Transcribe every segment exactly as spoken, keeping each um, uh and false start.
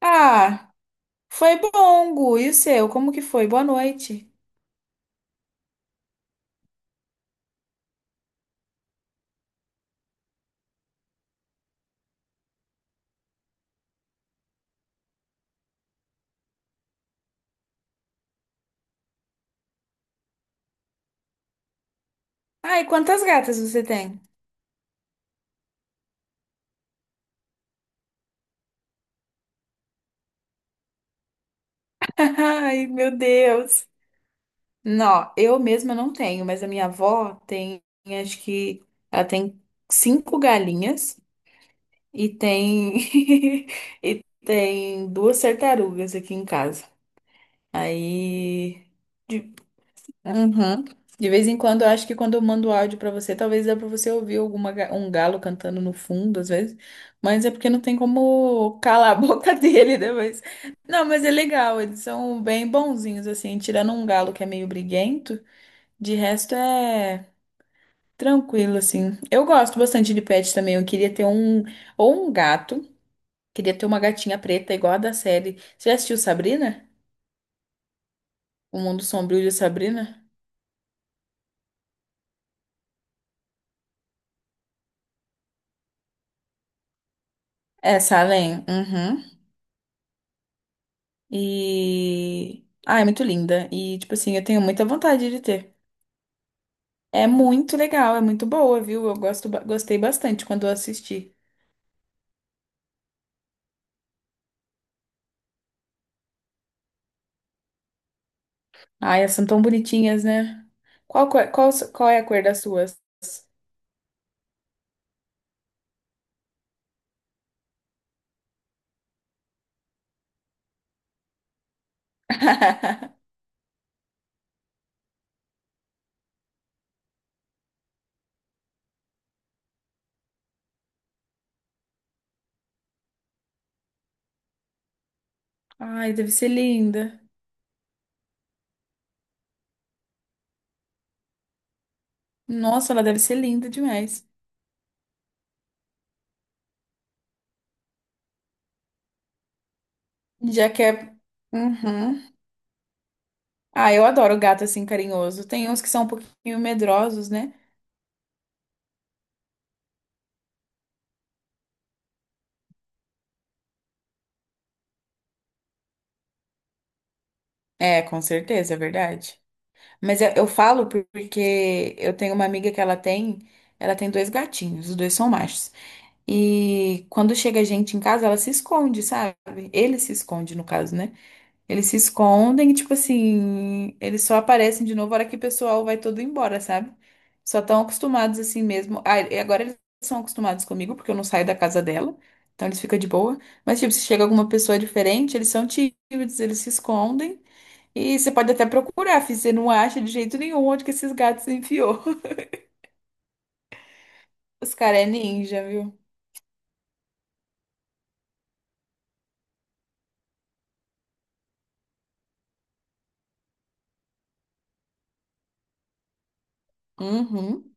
Ah, foi bom, Gu. E o seu? Como que foi? Boa noite. Ai, quantas gatas você tem? Ai, meu Deus. Não, eu mesma não tenho, mas a minha avó tem, acho que ela tem cinco galinhas e tem e tem duas tartarugas aqui em casa. Aí, de- Uhum. De vez em quando, eu acho que quando eu mando áudio pra você, talvez dá pra você ouvir alguma, ga- um galo cantando no fundo, às vezes. Mas é porque não tem como calar a boca dele, né? Mas... Não, mas é legal, eles são bem bonzinhos, assim. Tirando um galo que é meio briguento, de resto é tranquilo, assim. Eu gosto bastante de pet também. Eu queria ter um. Ou um gato. Queria ter uma gatinha preta, igual a da série. Você já assistiu Sabrina? O Mundo Sombrio de Sabrina? É, Salem. Uhum. E. Ah, é muito linda. E, tipo assim, eu tenho muita vontade de ter. É muito legal, é muito boa, viu? Eu gosto, ba- gostei bastante quando eu assisti. Ai, elas são tão bonitinhas, né? Qual, cor- qual, qual é a cor das suas? Ai, deve ser linda. Nossa, ela deve ser linda demais. Já que é. Uhum. Ah, eu adoro gato assim carinhoso. Tem uns que são um pouquinho medrosos, né? É, com certeza, é verdade. Mas eu, eu falo por- porque eu tenho uma amiga que ela tem, ela tem dois gatinhos, os dois são machos. E quando chega gente em casa, ela se esconde, sabe? Ele se esconde, no caso, né? Eles se escondem e, tipo assim, eles só aparecem de novo na hora que o pessoal vai todo embora, sabe? Só estão acostumados assim mesmo. Ah, e agora eles são acostumados comigo, porque eu não saio da casa dela, então eles ficam de boa. Mas, tipo, se chega alguma pessoa diferente, eles são tímidos, eles se escondem. E você pode até procurar, fi, você não acha de jeito nenhum onde que esses gatos enfiou. Os caras é ninja, viu? Uhum.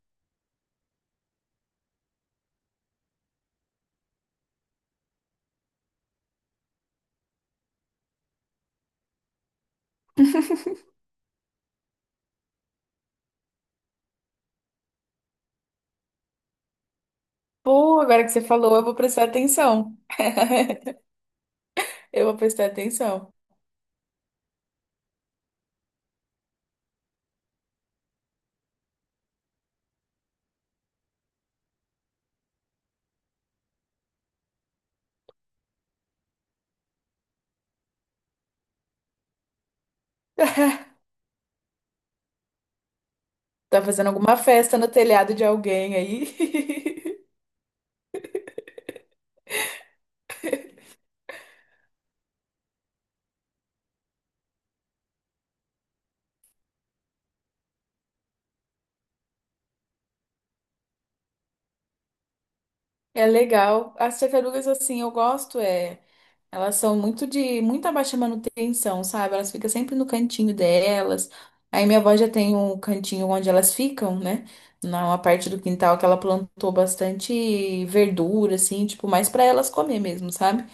Pô, agora que você falou, eu vou prestar atenção. Eu vou prestar atenção. Tá fazendo alguma festa no telhado de alguém aí. É legal. As tartarugas, assim, eu gosto, é. Elas são muito de muita baixa manutenção, sabe? Elas ficam sempre no cantinho delas. Aí minha avó já tem um cantinho onde elas ficam, né? Numa parte do quintal que ela plantou bastante verdura, assim, tipo, mais pra elas comer mesmo, sabe?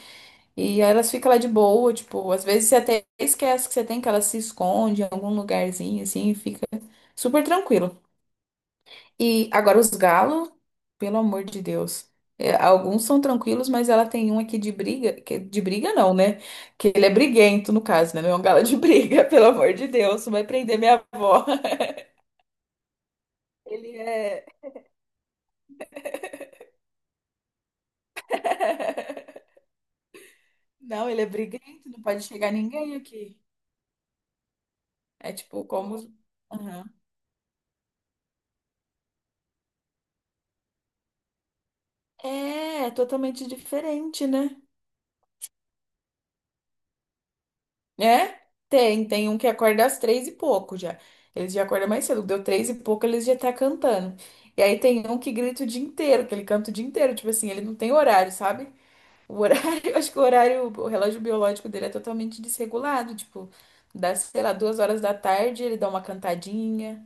E aí elas ficam lá de boa, tipo, às vezes você até esquece que você tem, que elas se escondem em algum lugarzinho, assim, e fica super tranquilo. E agora os galos, pelo amor de Deus. É, alguns são tranquilos, mas ela tem um aqui de briga, que de briga não, né? Que ele é briguento, no caso, né? Não é um galo de briga, pelo amor de Deus, vai prender minha avó. Ele é. Não, ele é briguento, não pode chegar ninguém aqui. É tipo como. Aham. É, é totalmente diferente, né? É? Tem, tem um que acorda às três e pouco já. Eles já acordam mais cedo. Deu três e pouco, eles já tá cantando. E aí tem um que grita o dia inteiro, que ele canta o dia inteiro. Tipo assim, ele não tem horário, sabe? O horário, eu acho que o horário, o relógio biológico dele é totalmente desregulado. Tipo, dá, sei lá, duas horas da tarde, ele dá uma cantadinha.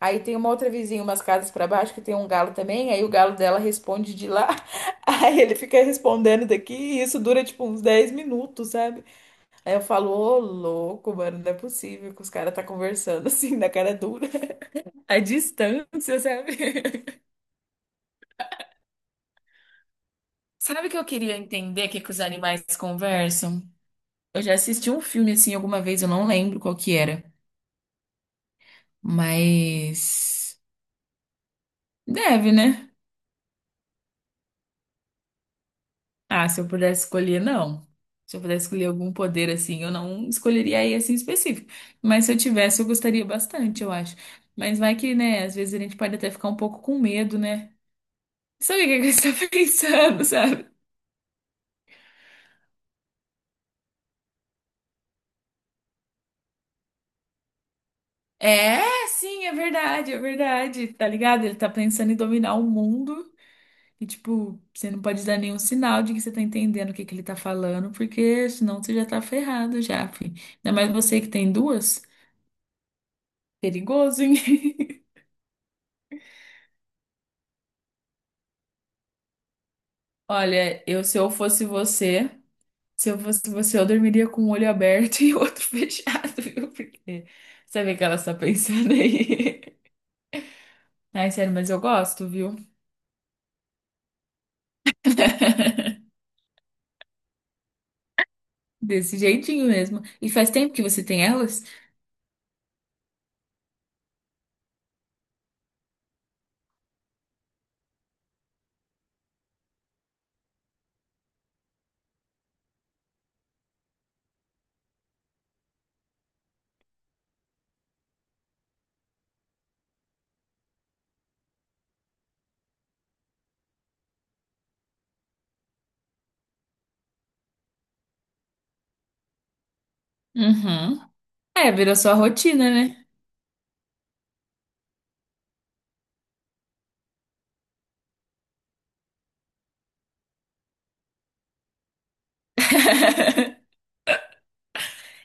Aí tem uma outra vizinha, umas casas pra baixo, que tem um galo também. Aí o galo dela responde de lá. Aí ele fica respondendo daqui. E isso dura, tipo, uns dez minutos, sabe? Aí eu falo, ô louco, mano, não é possível que os caras tá conversando assim, na cara dura. A distância, sabe? Sabe o que eu queria entender que, que os animais conversam? Eu já assisti um filme assim alguma vez, eu não lembro qual que era. Mas deve, né? Ah, se eu pudesse escolher, não. Se eu pudesse escolher algum poder assim, eu não escolheria esse em específico. Mas se eu tivesse, eu gostaria bastante, eu acho. Mas vai que, né, às vezes a gente pode até ficar um pouco com medo, né? Sabe o que que você tá pensando, sabe? É, sim, é verdade, é verdade, tá ligado? Ele tá pensando em dominar o mundo e, tipo, você não pode dar nenhum sinal de que você tá entendendo o que que ele tá falando, porque senão você já tá ferrado já, fi. Ainda mais você que tem duas, perigoso, hein? Olha, eu se eu fosse você, se eu fosse você, eu dormiria com um olho aberto e outro fechado, viu? Porque sabe o que ela está pensando aí? Ai, sério, mas eu gosto, viu? Desse jeitinho mesmo. E faz tempo que você tem elas? Uhum. É, virou sua rotina, né?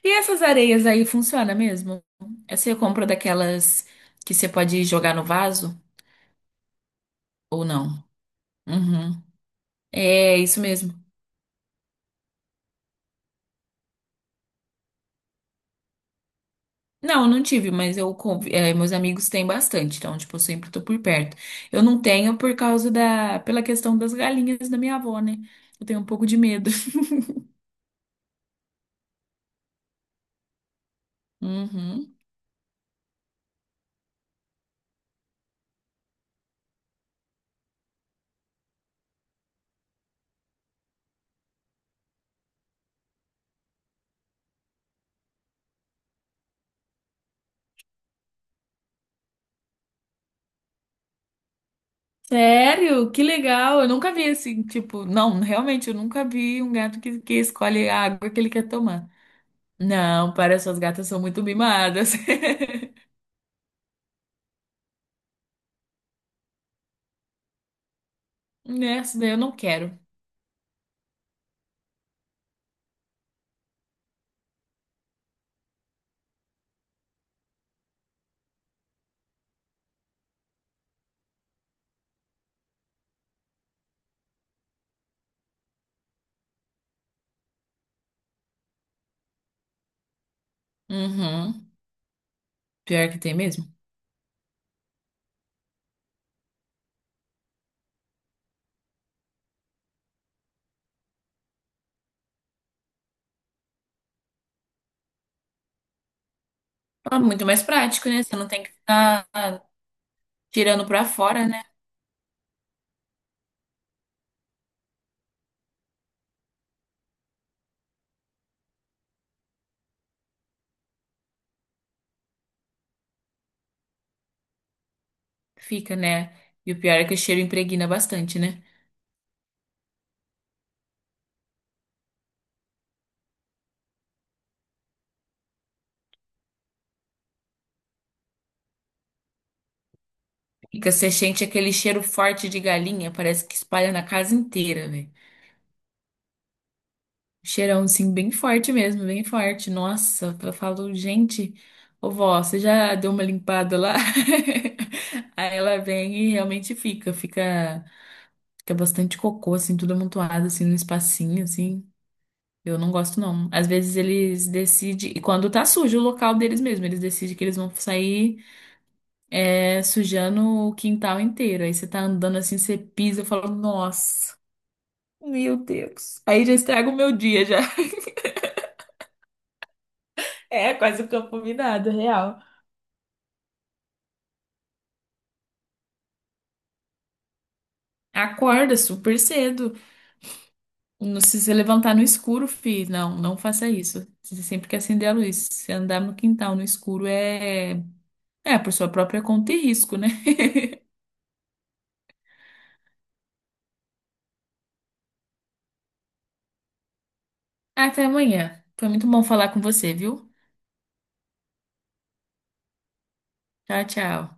E essas areias aí funciona mesmo? Você compra daquelas que você pode jogar no vaso ou não? Uhum. É isso mesmo. Não, não tive, mas eu conv- é, meus amigos têm bastante, então tipo, eu sempre tô por perto. Eu não tenho por causa da pela questão das galinhas da minha avó, né? Eu tenho um pouco de medo. Uhum. Sério? Que legal! Eu nunca vi assim, tipo, não, realmente eu nunca vi um gato que, que escolhe a água que ele quer tomar. Não, para suas gatas são muito mimadas. Nessa daí eu não quero. Uhum. Pior que tem mesmo. Ah, muito mais prático, né? Você não tem que ficar tirando pra fora, né? Fica, né? E o pior é que o cheiro impregna bastante, né? Fica, você sente aquele cheiro forte de galinha, parece que espalha na casa inteira, velho. Cheirão, sim, bem forte mesmo, bem forte. Nossa, eu falo, gente, ô vó, você já deu uma limpada lá? Aí ela vem e realmente fica, fica, fica bastante cocô, assim, tudo amontoado, assim, no espacinho, assim. Eu não gosto, não. Às vezes eles decidem, e quando tá sujo o local deles mesmo, eles decidem que eles vão sair é, sujando o quintal inteiro. Aí você tá andando assim, você pisa, eu falo, nossa, meu Deus. Aí já estraga o meu dia, já. É, quase o campo minado, real. Acorda super cedo. Não Se você levantar no escuro, fi, não, não faça isso. Você sempre que acender a luz. Se andar no quintal no escuro é, é por sua própria conta e risco, né? Até amanhã. Foi muito bom falar com você, viu? Tchau, tchau.